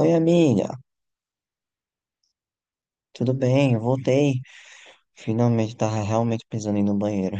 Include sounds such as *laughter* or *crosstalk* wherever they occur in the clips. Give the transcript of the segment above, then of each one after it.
Oi, amiga. Tudo bem? Eu voltei. Finalmente tava realmente precisando ir no banheiro.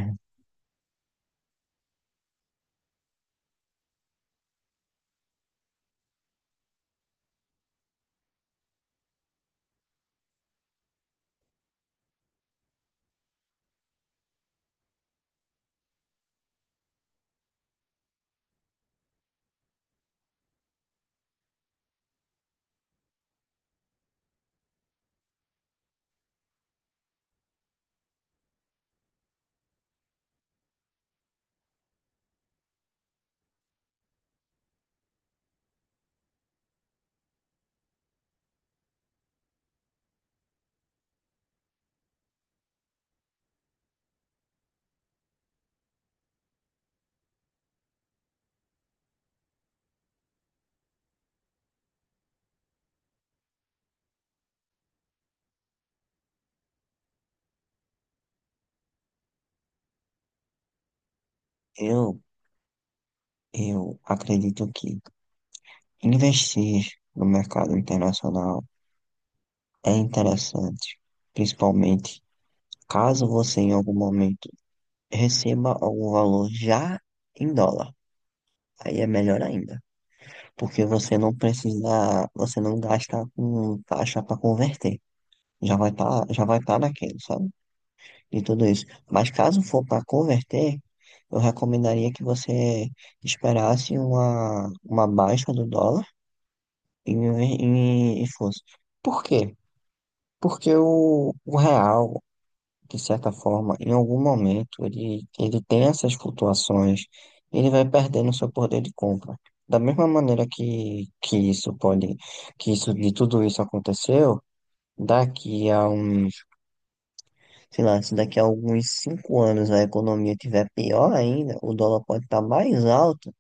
Eu, eu acredito que investir no mercado internacional é interessante, principalmente caso você em algum momento receba algum valor já em dólar. Aí é melhor ainda, porque você não precisa, você não gasta com taxa para converter. Já vai estar naquele, sabe? De tudo isso. Mas caso for para converter, eu recomendaria que você esperasse uma baixa do dólar e fosse. Por quê? Porque o real, de certa forma, em algum momento, ele tem essas flutuações, ele vai perdendo seu poder de compra. Da mesma maneira que isso pode, que isso, de tudo isso aconteceu, daqui a um. Sei lá, se daqui a alguns 5 anos a economia tiver pior ainda, o dólar pode estar mais alto,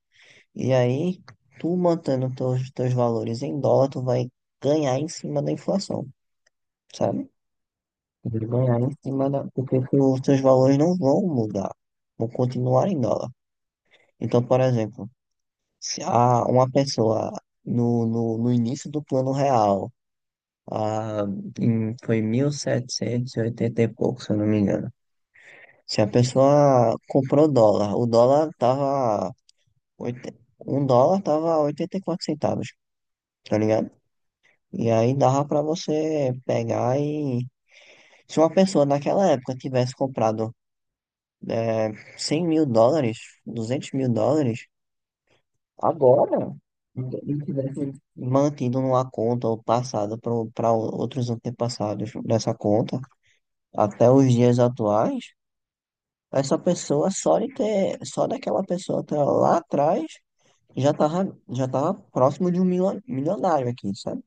e aí tu mantendo teus valores em dólar, tu vai ganhar em cima da inflação, sabe? Tu vai ganhar em cima da. Porque os teus valores não vão mudar, vão continuar em dólar. Então, por exemplo, se a, uma pessoa no início do plano real, a, foi 1780 e oitenta e pouco, se eu não me engano. Se a pessoa comprou dólar, o dólar tava. oit- Um dólar tava 84 centavos, tá ligado? E aí dava pra você pegar e. Se uma pessoa naquela época tivesse comprado é, 100 mil dólares, 200 mil dólares, agora, e tivesse mantido numa conta ou passado para outros antepassados dessa conta, até os dias atuais, essa pessoa só de ter, só daquela pessoa ter lá atrás. Já tava próximo de um milionário aqui, sabe?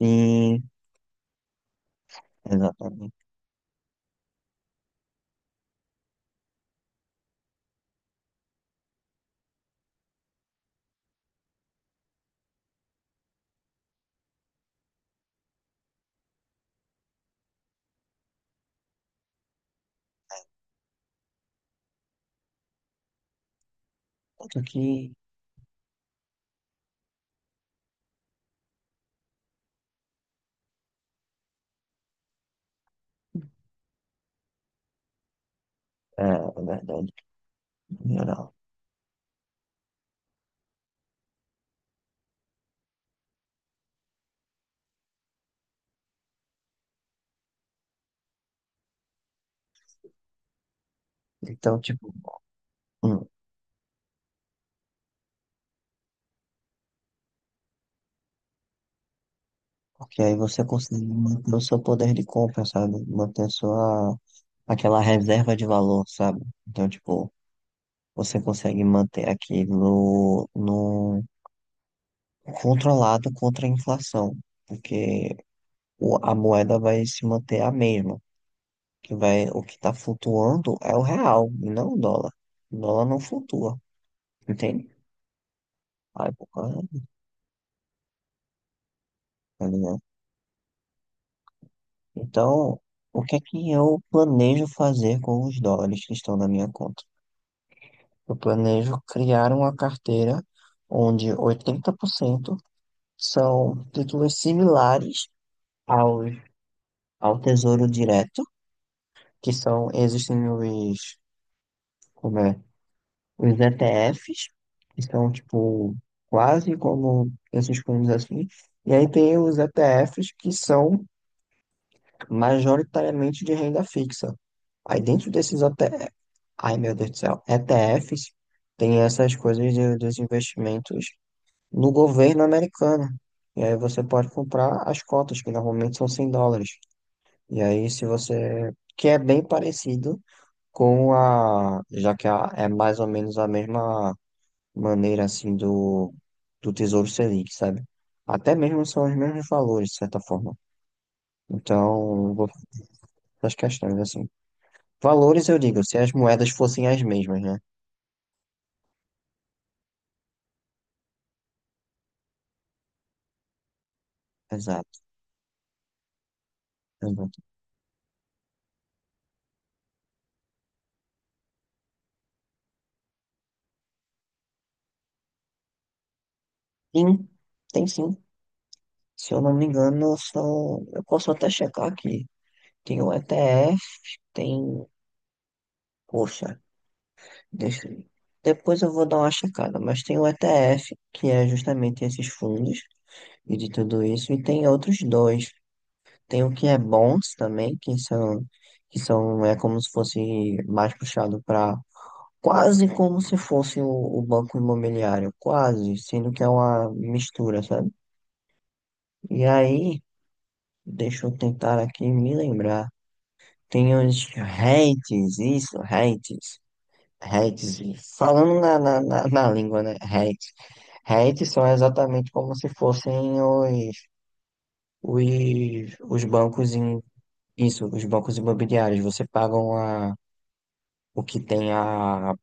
Sim, exatamente. Tanto que, é verdade, milionário. Então, tipo, hum, porque aí você consegue manter o seu poder de compra, sabe? Manter sua, aquela reserva de valor, sabe? Então, tipo, você consegue manter aquilo no controlado contra a inflação, porque a moeda vai se manter a mesma. O que está flutuando é o real, e não o dólar. O dólar não flutua, entende? Aí, tá ligado? Então, o que é que eu planejo fazer com os dólares que estão na minha conta? Eu planejo criar uma carteira onde 80% são títulos similares aos, ao Tesouro Direto, que são, existem os, como é? Os ETFs, que são tipo quase como esses fundos assim, e aí tem os ETFs que são majoritariamente de renda fixa. Aí dentro desses ETFs, ai meu Deus do céu, ETFs tem essas coisas dos investimentos no governo americano. E aí você pode comprar as cotas, que normalmente são 100 dólares. E aí se você, que é bem parecido com a, já que é mais ou menos a mesma maneira assim do Tesouro Selic, sabe? Até mesmo são os mesmos valores, de certa forma. Então, eu vou fazer as questões assim. Valores, eu digo, se as moedas fossem as mesmas, né? Exato, exato. Sim, tem sim. Se eu não me engano, são. Eu posso até checar aqui. Tem o ETF, tem. Poxa, deixa eu. Depois eu vou dar uma checada, mas tem o ETF, que é justamente esses fundos e de tudo isso, e tem outros dois. Tem o que é bons também, que são, é como se fosse mais puxado para quase como se fosse o banco imobiliário, quase, sendo que é uma mistura, sabe? E aí, deixa eu tentar aqui me lembrar. Tem os REITs, isso, REITs, REITs, falando na língua, né? REITs. REITs são exatamente como se fossem os bancos isso, os bancos imobiliários. Você paga uma o que tem a,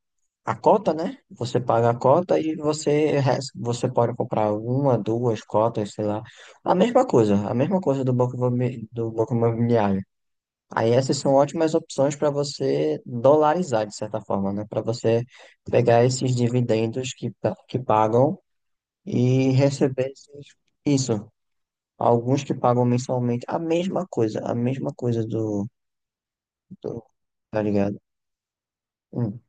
a cota, né? Você paga a cota e você, você pode comprar uma, duas cotas, sei lá. A mesma coisa do banco, do banco imobiliário. Aí essas são ótimas opções para você dolarizar, de certa forma, né? Para você pegar esses dividendos que, que pagam e receber esses-. Isso. Alguns que pagam mensalmente a mesma coisa do. Tá ligado? Hum,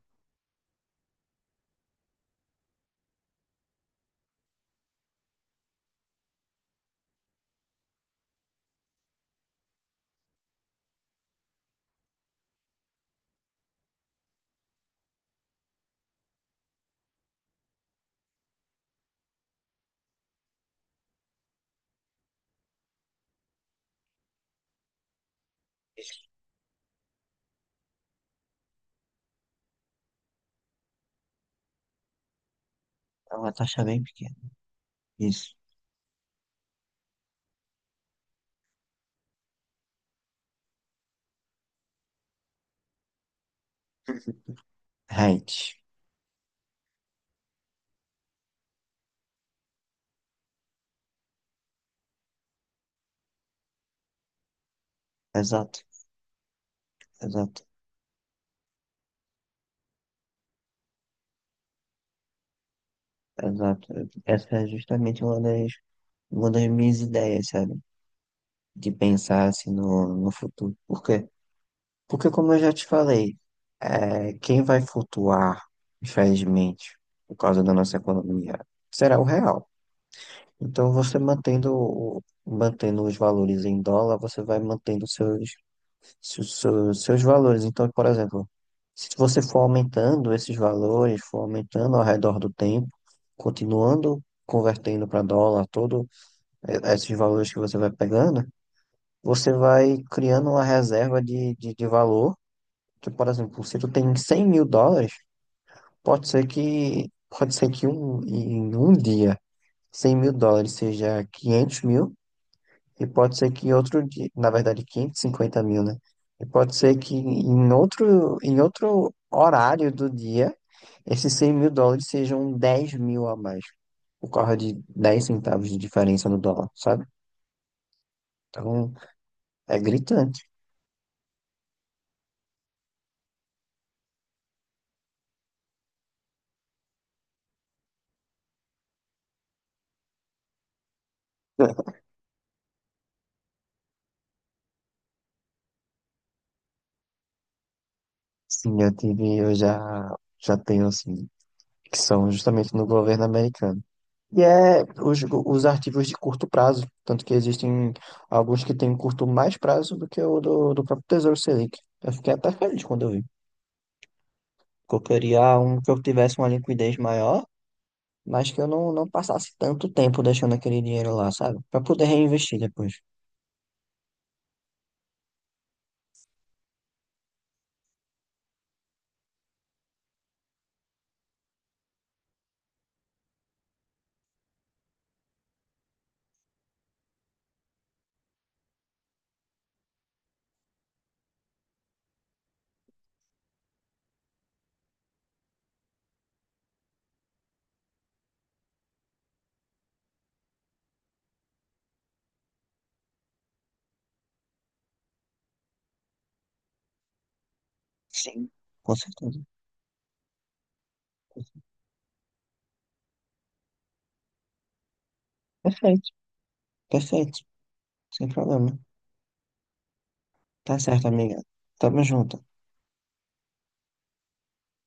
É uma taxa bem pequena. Isso. Right. Exato, exato, exato. Essa é justamente uma das, minhas ideias, sabe? De pensar assim no futuro. Por quê? Porque, como eu já te falei, quem vai flutuar, infelizmente, por causa da nossa economia, será o real. Então, você mantendo, mantendo os valores em dólar, você vai mantendo seus, se seus, seus valores. Então, por exemplo, se você for aumentando esses valores, for aumentando ao redor do tempo, continuando convertendo para dólar, todo esses valores que você vai pegando, você vai criando uma reserva de valor, que, por exemplo, se tu tem 100 mil dólares, pode ser que, pode ser que um, em um dia 100 mil dólares seja 500 mil, e pode ser que em outro dia, na verdade, 550 mil, né? E pode ser que em outro, horário do dia, esses 100 mil dólares sejam 10 mil a mais, por causa de 10 centavos de diferença no dólar, sabe? Então, é gritante. *laughs* Sim, eu tive, eu já tenho, assim, que são justamente no governo americano. E é os arquivos de curto prazo, tanto que existem alguns que têm curto mais prazo do que o do próprio Tesouro Selic. Eu fiquei até feliz quando eu vi, porque eu queria um que eu tivesse uma liquidez maior, mas que eu não passasse tanto tempo deixando aquele dinheiro lá, sabe? Para poder reinvestir depois. Sim, com certeza. Perfeito, perfeito, sem problema. Tá certo, amiga. Tamo junto.